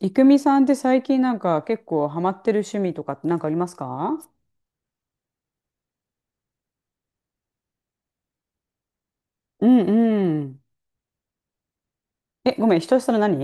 いくみさんって最近なんか結構ハマってる趣味とかってなんかありますか？うんうん。え、ごめん、ひとしさの何？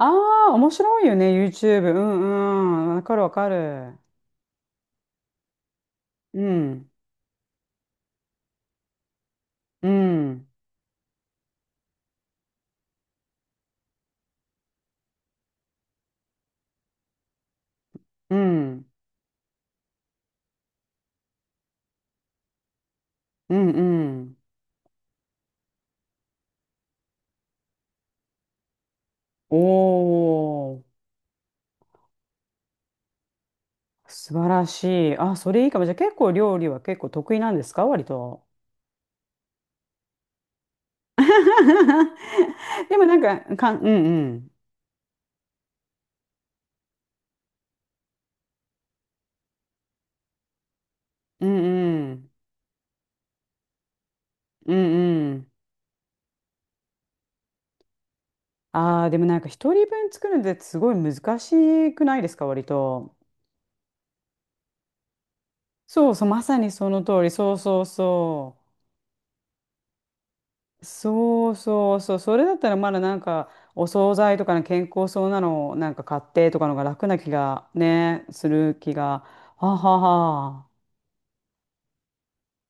ああー、面白いよね、YouTube。うんうん。わかるわかる。うん、うん、うん、うん、うん。おー、素晴らしい。あ、それいいかも。じゃあ結構料理は結構得意なんですか割と。でもなんか、うんうん。うんうん。うんうん。ああ、でもなんか一人分作るのってすごい難しくないですか、割と。そうそう、まさにその通り。そうそうそう。そうそうそう。それだったらまだなんか、お惣菜とかの健康そうなのをなんか買ってとかのが楽な気がね、する気が。はあはあはあ。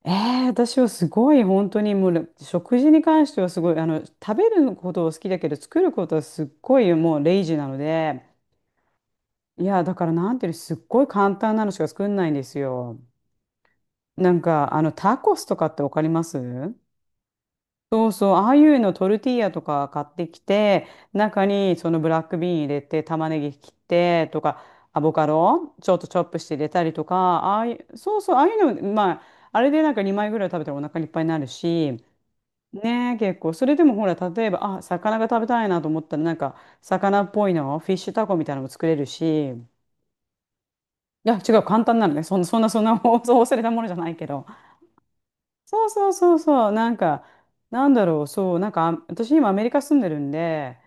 え私はすごい本当にもう食事に関してはすごいあの食べることを好きだけど作ることはすっごいもうレイジーなので、いやだからなんていうのすっごい簡単なのしか作んないんですよ。なんか、タコスとかってわかります？そうそう、ああいうのトルティーヤとか買ってきて、中にそのブラックビーン入れて、玉ねぎ切ってとか、アボカドちょっとチョップして入れたりとか、ああいう、そうそう、ああいうの、まあ、あれでなんか2枚ぐらい食べたらお腹いっぱいになるし、ねえ、結構、それでもほら、例えば、あ、魚が食べたいなと思ったら、なんか、魚っぽいの、フィッシュタコみたいなのも作れるし、いや、違う、簡単なのね。そんな、そんな、そんな、そう忘れたものじゃないけど。そうそうそうそう、なんか、なんだろう、そう、なんか、あ私今アメリカ住んでるんで、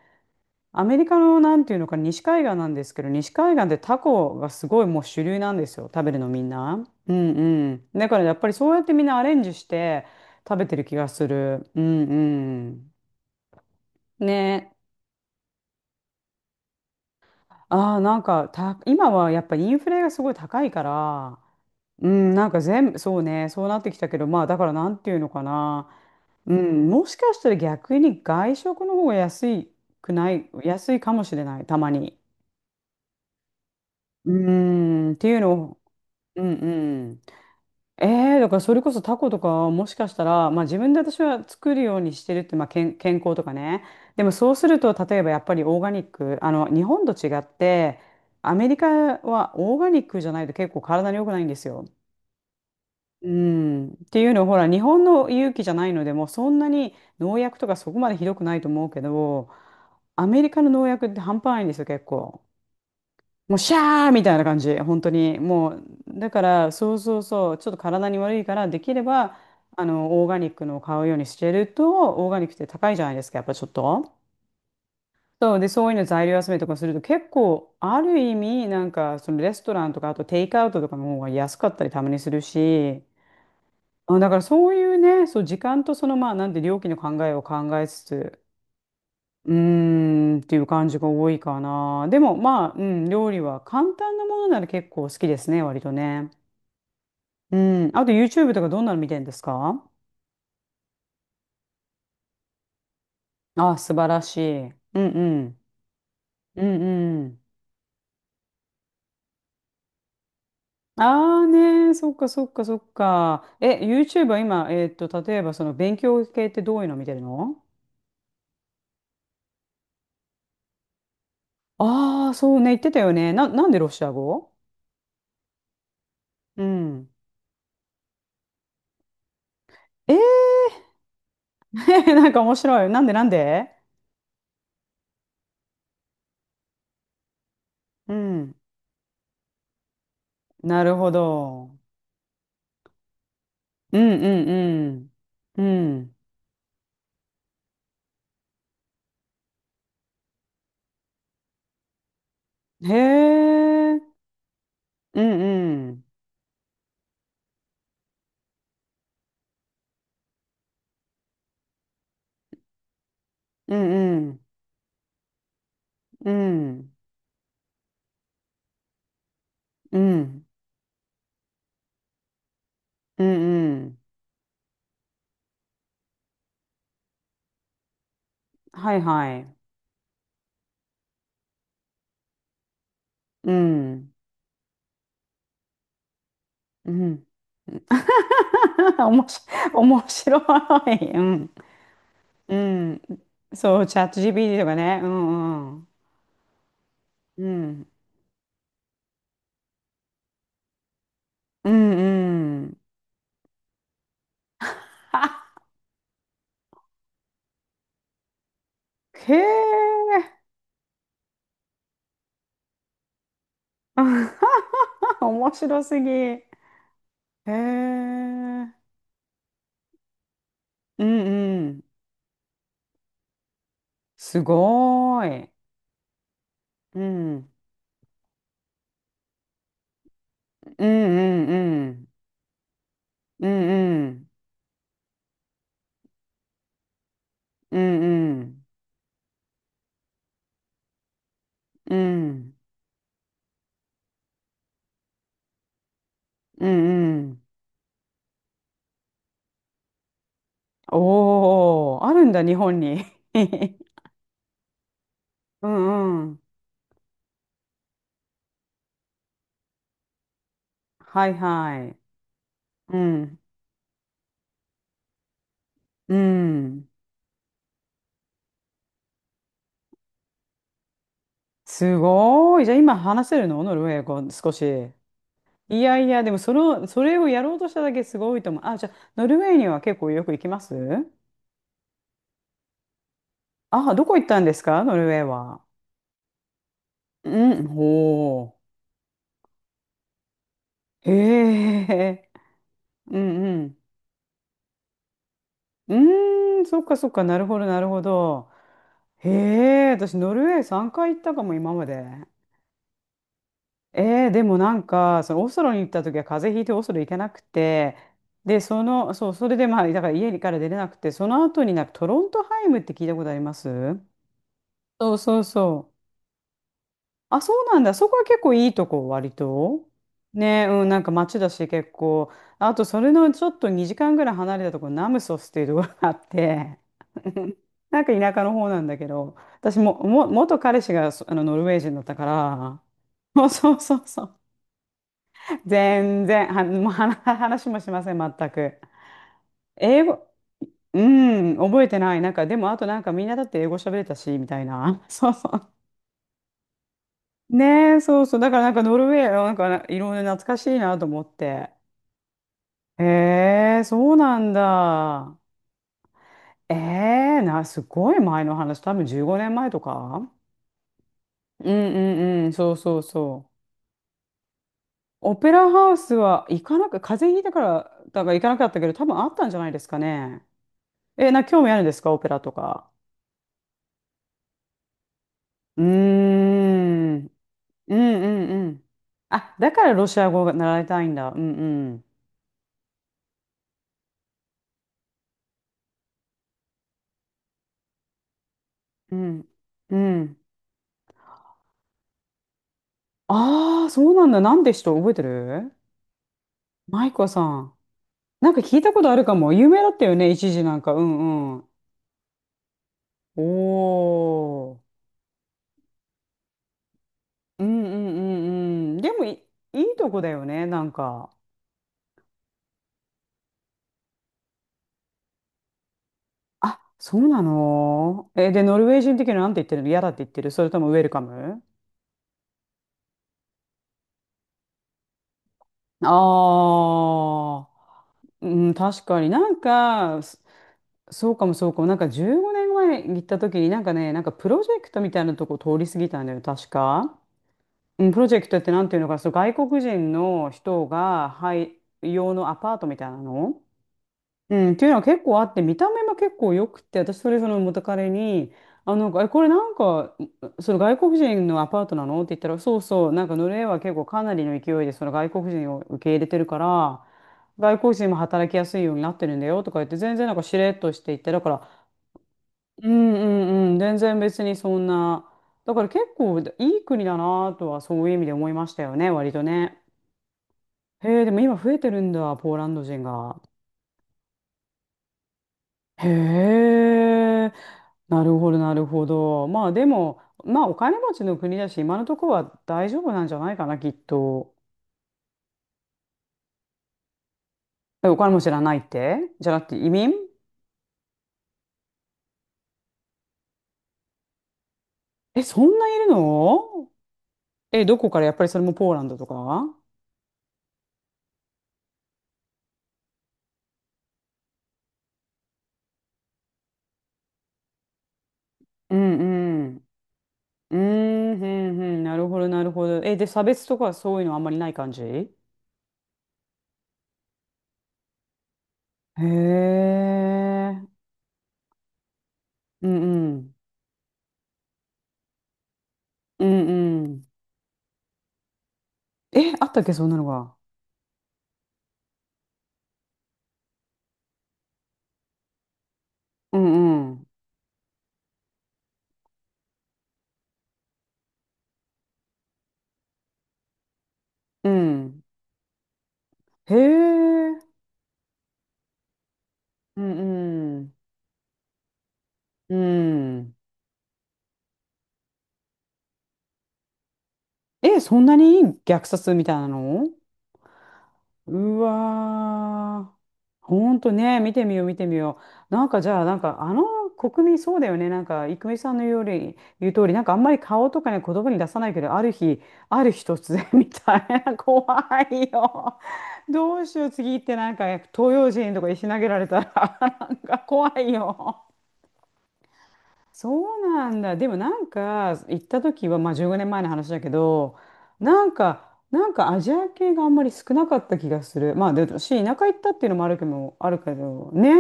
アメリカのなんていうのかな、西海岸なんですけど、西海岸でタコがすごいもう主流なんですよ、食べるのみんな。うんうん。だからやっぱりそうやってみんなアレンジして食べてる気がする。うんうん。ね。ああ、なんかた、今はやっぱインフレがすごい高いから、うん、なんか全部、そうね、そうなってきたけど、まあだからなんていうのかな。うん、もしかしたら逆に外食の方が安いかもしれない、たまに。うん、っていうのを、うんうん。えだからそれこそタコとかはもしかしたら、まあ自分で私は作るようにしてるって、まあ、健康とかね。でもそうすると、例えばやっぱりオーガニック、日本と違って、アメリカはオーガニックじゃないと結構体に良くないんですよ。うん、っていうのをほら日本の勇気じゃないのでもうそんなに農薬とかそこまでひどくないと思うけど、アメリカの農薬って半端ないんですよ結構、もうシャーみたいな感じ本当にもう、だからそうそうそうちょっと体に悪いからできればオーガニックのを買うようにしてると、オーガニックって高いじゃないですかやっぱちょっと。そうでそういうの材料集めとかすると結構ある意味なんかそのレストランとかあとテイクアウトとかの方が安かったりたまにするし、あ、だからそういうね、そう、時間とそのまあ、なんて料金の考えを考えつつ、うーんっていう感じが多いかな。でもまあ、うん、料理は簡単なものなら結構好きですね、割とね。うん。あと YouTube とかどんなの見てるんですか？あ、素晴らしい。うんうん。うんうん。ああね、そっかそっかそっか。え、YouTube は今、例えばその勉強系ってどういうの見てるの？ああー、そうね、言ってたよね。なんでロシア語？うん。えー なんか面白い。なんでなんで？うん。なるほど。うんうんうん。うん。へえ。うんうん。うんうん。うん。うん。うんうんうんはいはい。うん。うん。おもし、面白い。うん。うん。そう、チャット GPT とかね。うんうん。うん。うんうん。はへえ。面白すぎ。へえ。うんうん。すごーい。うん。うんうんうん。うんうん。うんうん。うんうん。おー、あるんだ、日本に。うんうん。はいはい。うん。うん。すごーい。じゃあ今話せるのノルウェー語少し？いやいや、でもその、それをやろうとしただけすごいと思う。あ、じゃあ、ノルウェーには結構よく行きます？あ、どこ行ったんですかノルウェーは？うん、ほう。へえ、うんうん。うーん、そっかそっか、なるほど、なるほど。へえ、私、ノルウェー3回行ったかも、今まで。でもなんか、そのオスロに行った時は風邪ひいてオスロ行けなくて、で、その、そう、それでまあ、だから家から出れなくて、その後になんかトロントハイムって聞いたことあります？そうそうそう。あ、そうなんだ。そこは結構いいとこ、割と。ね、うん、なんか街だし、結構。あと、それのちょっと2時間ぐらい離れたところ、ナムソスっていうところがあって、なんか田舎の方なんだけど、私も、元彼氏があのノルウェー人だったから、そうそうそうそう。全然、もう話もしません、全く。英語、うん、覚えてない。なんか、でも、あとなんかみんなだって英語喋れたし、みたいな。そうそうねえ、そうそう。だからなんかノルウェーなんかいろいろ懐かしいなと思って。へえ、そうなんだ。ええ、すごい前の話、多分15年前とか、うんうんうん、そうそうそう。オペラハウスは行かなく、風邪ひいたから、だから行かなかったけど、多分あったんじゃないですかね。え、興味あるんですか、オペラとか？うーん、うんうんうん。あ、だからロシア語が習いたいんだ。うんうん。うん、うん。ああ、そうなんだ。なんで人覚えてる？マイコさん。なんか聞いたことあるかも。有名だったよね、一時なんか。うんうん。おー。うんうんうんうん。でもいいとこだよね、なんか。あ、そうなの？え、で、ノルウェー人的にはなんて言ってるの？嫌だって言ってる？それともウェルカム？ああ、うん、確かになんか、そうかもそうかも。なんか15年前に行った時になんかね、なんかプロジェクトみたいなとこ通り過ぎたんだよ、確か。うん、プロジェクトってなんていうのか、そう、外国人の人が、はい、用のアパートみたいなの。うん、っていうのは結構あって、見た目も結構良くて、私それその元彼に、あの、え、これなんか、その外国人のアパートなのって言ったら、そうそう、なんかノルウェーは結構かなりの勢いでその外国人を受け入れてるから、外国人も働きやすいようになってるんだよとか言って、全然なんかしれっとして言って、だから、うんうんうん、全然別にそんな。だから結構いい国だなとはそういう意味で思いましたよね、割とね。へえ、でも今増えてるんだ、ポーランド人が。へえ、なるほど、なるほど。まあでも、まあお金持ちの国だし、今のところは大丈夫なんじゃないかな、きっと。え、お金持ちじゃないってじゃなくて移民？え、そんないるの？え、どこからやっぱりそれもポーランドとか？うんうん。うーん、うん、うん、なるほど、なるほど。え、で、差別とかそういうのあんまりない感じ？へえ。うんうん。うんうん。え、あったっけ、そんなのが？うんうん。うん。へえ。うんうん。うん。え、そんなに虐殺みたいなの？うわー。ほんとね、見てみよう、見てみよう。なんかじゃあ、なんかあの国民そうだよね。なんか、郁美さんのように言う通り、なんかあんまり顔とかね、言葉に出さないけど、ある日、ある日突然 みたいな、怖いよ。どうしよう、次行ってなんか東洋人とか石投げられたら、 なんか怖いよ。そうなんだ。でもなんか行った時はまあ15年前の話だけど、なんか、なんかアジア系があんまり少なかった気がする。まあで、私田舎行ったっていうのもあるけど、あるけどね。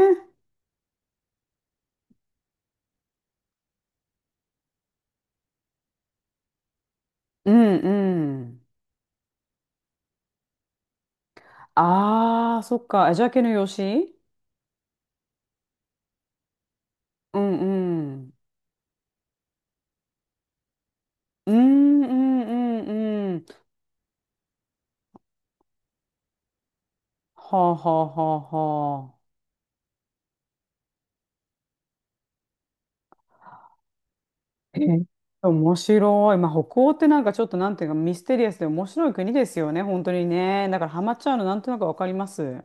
うんうん。ああ、そっか。アジア系の養子？うんうん。うんうんうんうん。はあはあはあはあ。えー面白い。まあ、北欧ってなんかちょっとなんていうかミステリアスで面白い国ですよね。本当にね。だからハマっちゃうのなんとなくわかります。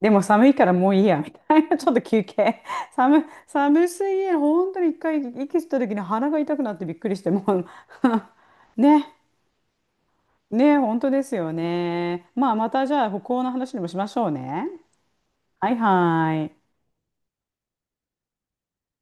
でも寒いからもういいや、みたいな、ちょっと休憩。寒すぎる。本当に一回息吸った時に鼻が痛くなってびっくりして、もう ね、ね、本当ですよね。まあ、またじゃあ、北欧の話でもしましょうね。はいはい。